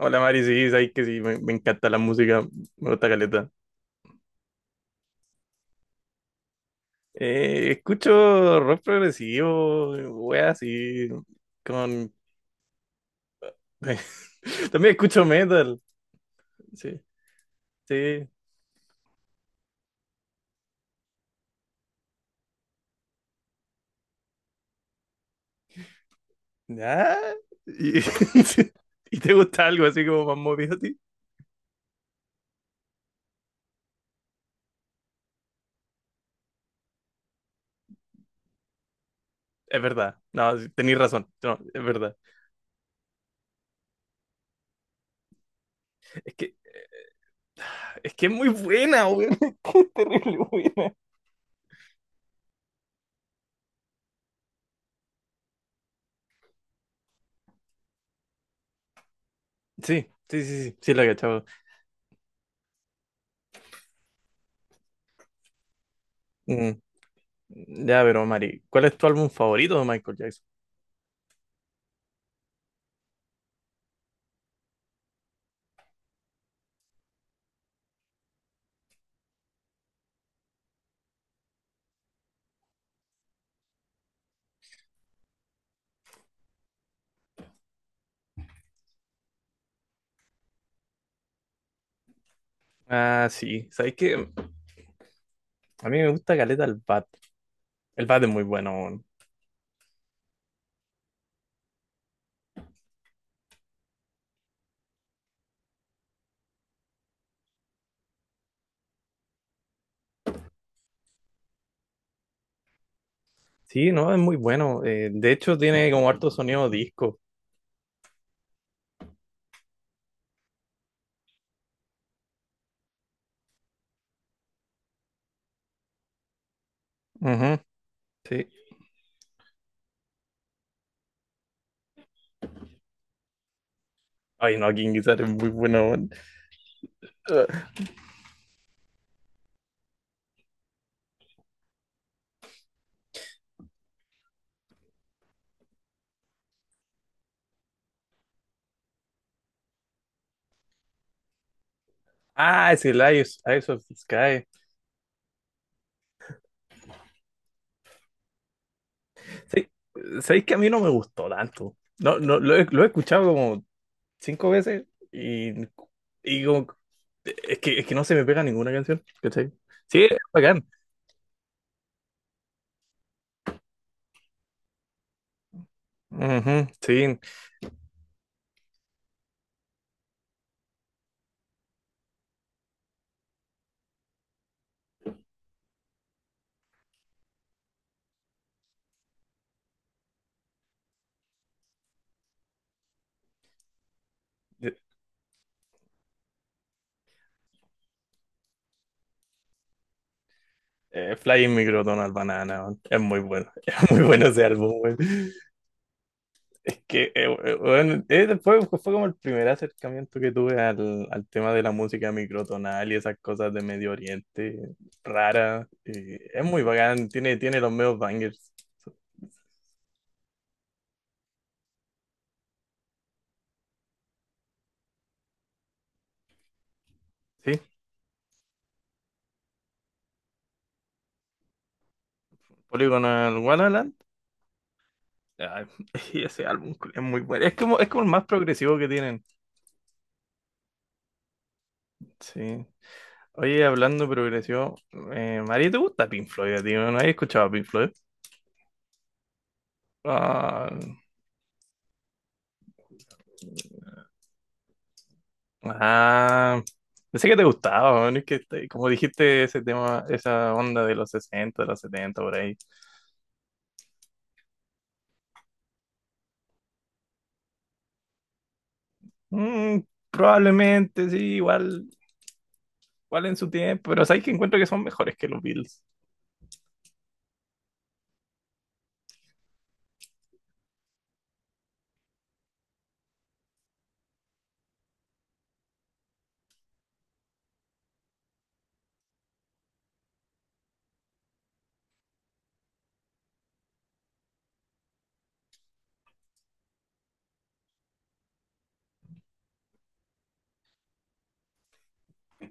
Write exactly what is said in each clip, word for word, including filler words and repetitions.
Hola Mari, sí, sabes que sí, me, me encanta la música, me gusta caleta. Eh, escucho rock progresivo, wea, así, con... También escucho metal, sí, sí. Ah, ¿Y, sí. ¿Y te gusta algo así como más movido a ti? Es verdad, no, sí, tenés razón, no, es verdad. Es que es que es muy buena, weón, es que es terrible buena. Sí, sí, sí, sí, sí la he cachado. Mm, ya, pero Mari, ¿cuál es tu álbum favorito de Michael Jackson? Ah, sí. ¿Sabes qué? A mí me gusta caleta el bat. El bat es muy bueno, weón. Sí, no, es muy bueno. Eh, de hecho, tiene como harto sonido disco. Ujú, sí. Ay, no, King Guitar es muy bueno, weón. Ah, es el Eyes, Eyes of the Sky. Sí, ¿sabéis que a mí no me gustó tanto? No, no, lo he, lo he escuchado como cinco veces y, y como, es que, es que no se me pega ninguna canción, ¿cachai? Sí, es bacán. Ujú, sí. Eh, Flying Micro Donald Banana, weón, es muy bueno, es muy bueno ese álbum, weón. Es que, eh, we- weón, eh, después fue fue como el primer acercamiento que tuve al, al tema de la música microtonal y esas cosas de Medio Oriente, rara, y es muy bacán, tiene, tiene los medios bangers. ¿Sí? Polygonal Wonderland, ah, y ese álbum es muy bueno, es como, es como el más progresivo que tienen, sí. Oye, hablando de progresivo, eh, María, ¿te gusta Pink Floyd a ti? ¿No has escuchado a Pink Floyd? Ah, ah, pensé que te gustaba, weón. Es que, te- como dijiste, ese tema, esa onda de los sesenta de los setenta por ahí. Mm, probablemente, sí, igual, igual en su tiempo, pero sabes que encuentro que son mejores que los Bills.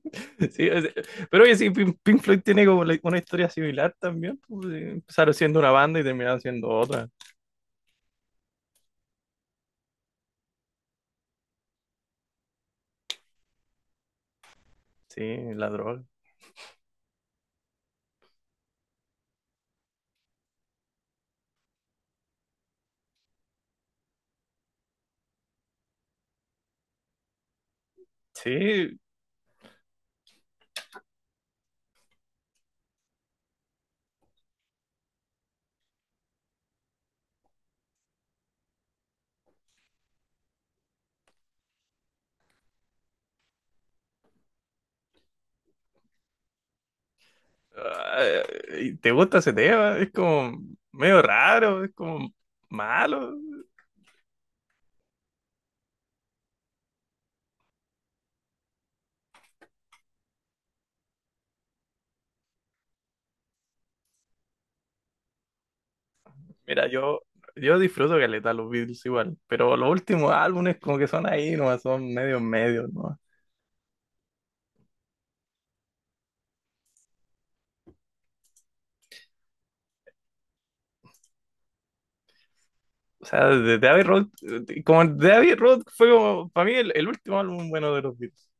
Sí, o pero oye, sí, Pink Pink Floyd tiene como la- una historia similar también, pues, eh, empezaron siendo una banda y terminaron siendo otra. Sí, la droga. Sí, ah, ¿y te gusta ese tema? Es como medio raro, es como malo. Mira, yo, yo disfruto caleta los Beatles igual, pero los últimos álbumes como que son ahí nomás, son medio medio, ¿no? O sea, de de Abbey Road, eh, como de Abbey Road fue como, para mí, el, el último álbum bueno de los Beatles.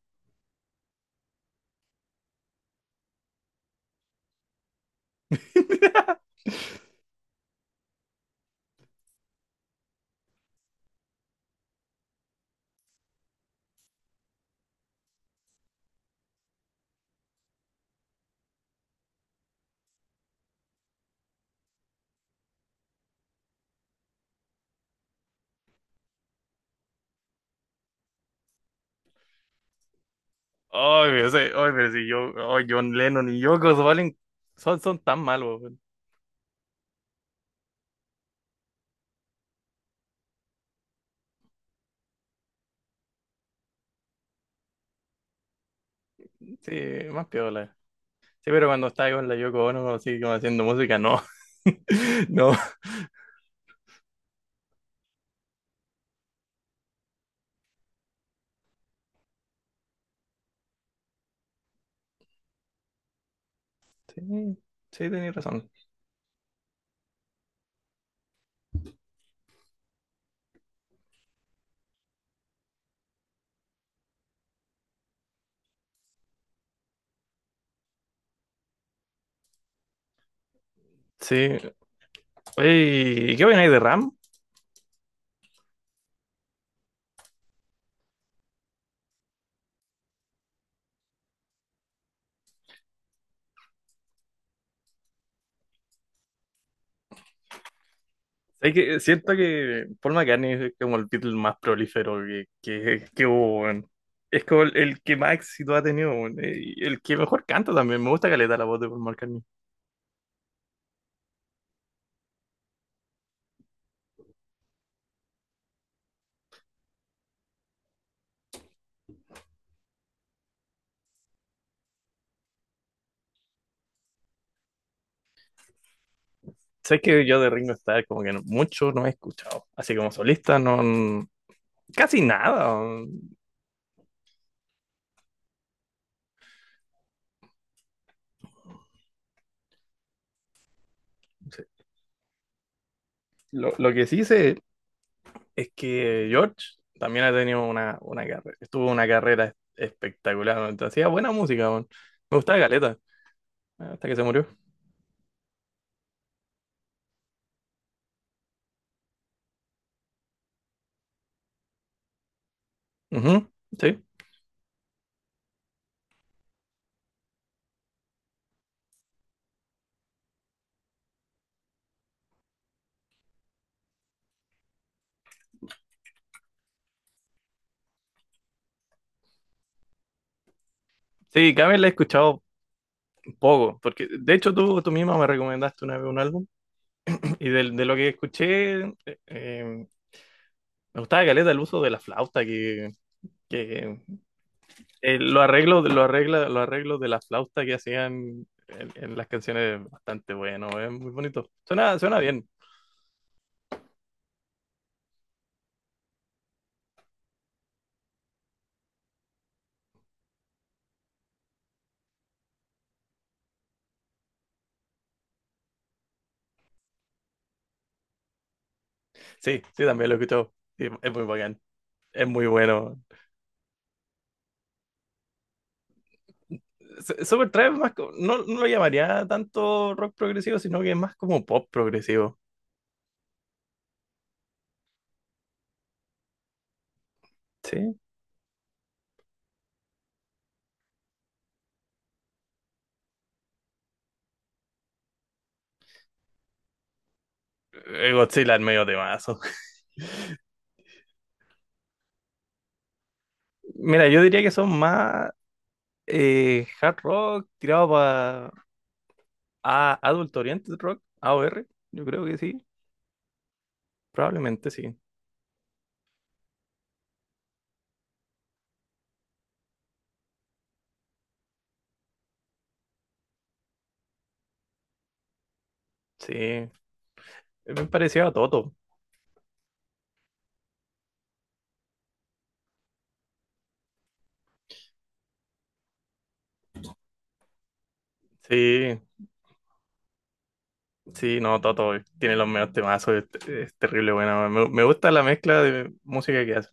Ay, pero sí, ay, pero si yo, ay, John Lennon y Yoko Valen son, son tan malos, weón. Sí, más piola. Sí, pero cuando estaba con la Yoko Ono, así como haciendo música, no. No. Sí, sí, tenías razón. Sí. Oye, ¿y qué opináis de Ram? ¿Sabes qué? Siento que Paul McCartney es como el Beatle más prolífero que, que, que hubo, weón. Es como el, el que más éxito ha tenido, weón, eh, y el que mejor canta también. Me gusta caleta la voz de Paul McCartney. ¿Sabes que yo de Ringo Starr como que no- mucho no he escuchado? Así como solista, no, n- casi nada, weón. No, lo lo que sí sé es que George también ha tenido una, una carrera. Estuvo una carrera espectacular, weón. Hacía buena música, weón. Me gustaba caleta, hasta que se murió. Ujú, sí. Sí, Camel la he escuchado poco, porque de hecho tú, tú misma me recomendaste una vez un álbum y del- de, lo que escuché eh, eh, me gustaba caleta el uso de la flauta que, que eh, lo arreglo, lo arregla, los arreglos de la flauta que hacían en, en las canciones bastante bueno, es muy bonito. Suena, suena bien. Sí, sí, también lo he escuchado. Sí, es muy bacán. Es muy bueno. S- Supertramp es más, co- no, no lo llamaría tanto rock progresivo, sino que es más como pop progresivo. Sí. Eh, Godzilla es medio temazo. Mira, yo diría que son más eh, hard rock tirado para a Adult Oriented Rock, A O R. Yo creo que sí. Probablemente sí. Sí. Es bien parecido a Toto. Sí, sí, no, Toto tiene los mejores temazos. Es, es terrible, bueno. Me, me gusta la mezcla de música que hace.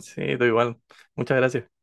Sí, todo igual. Muchas gracias.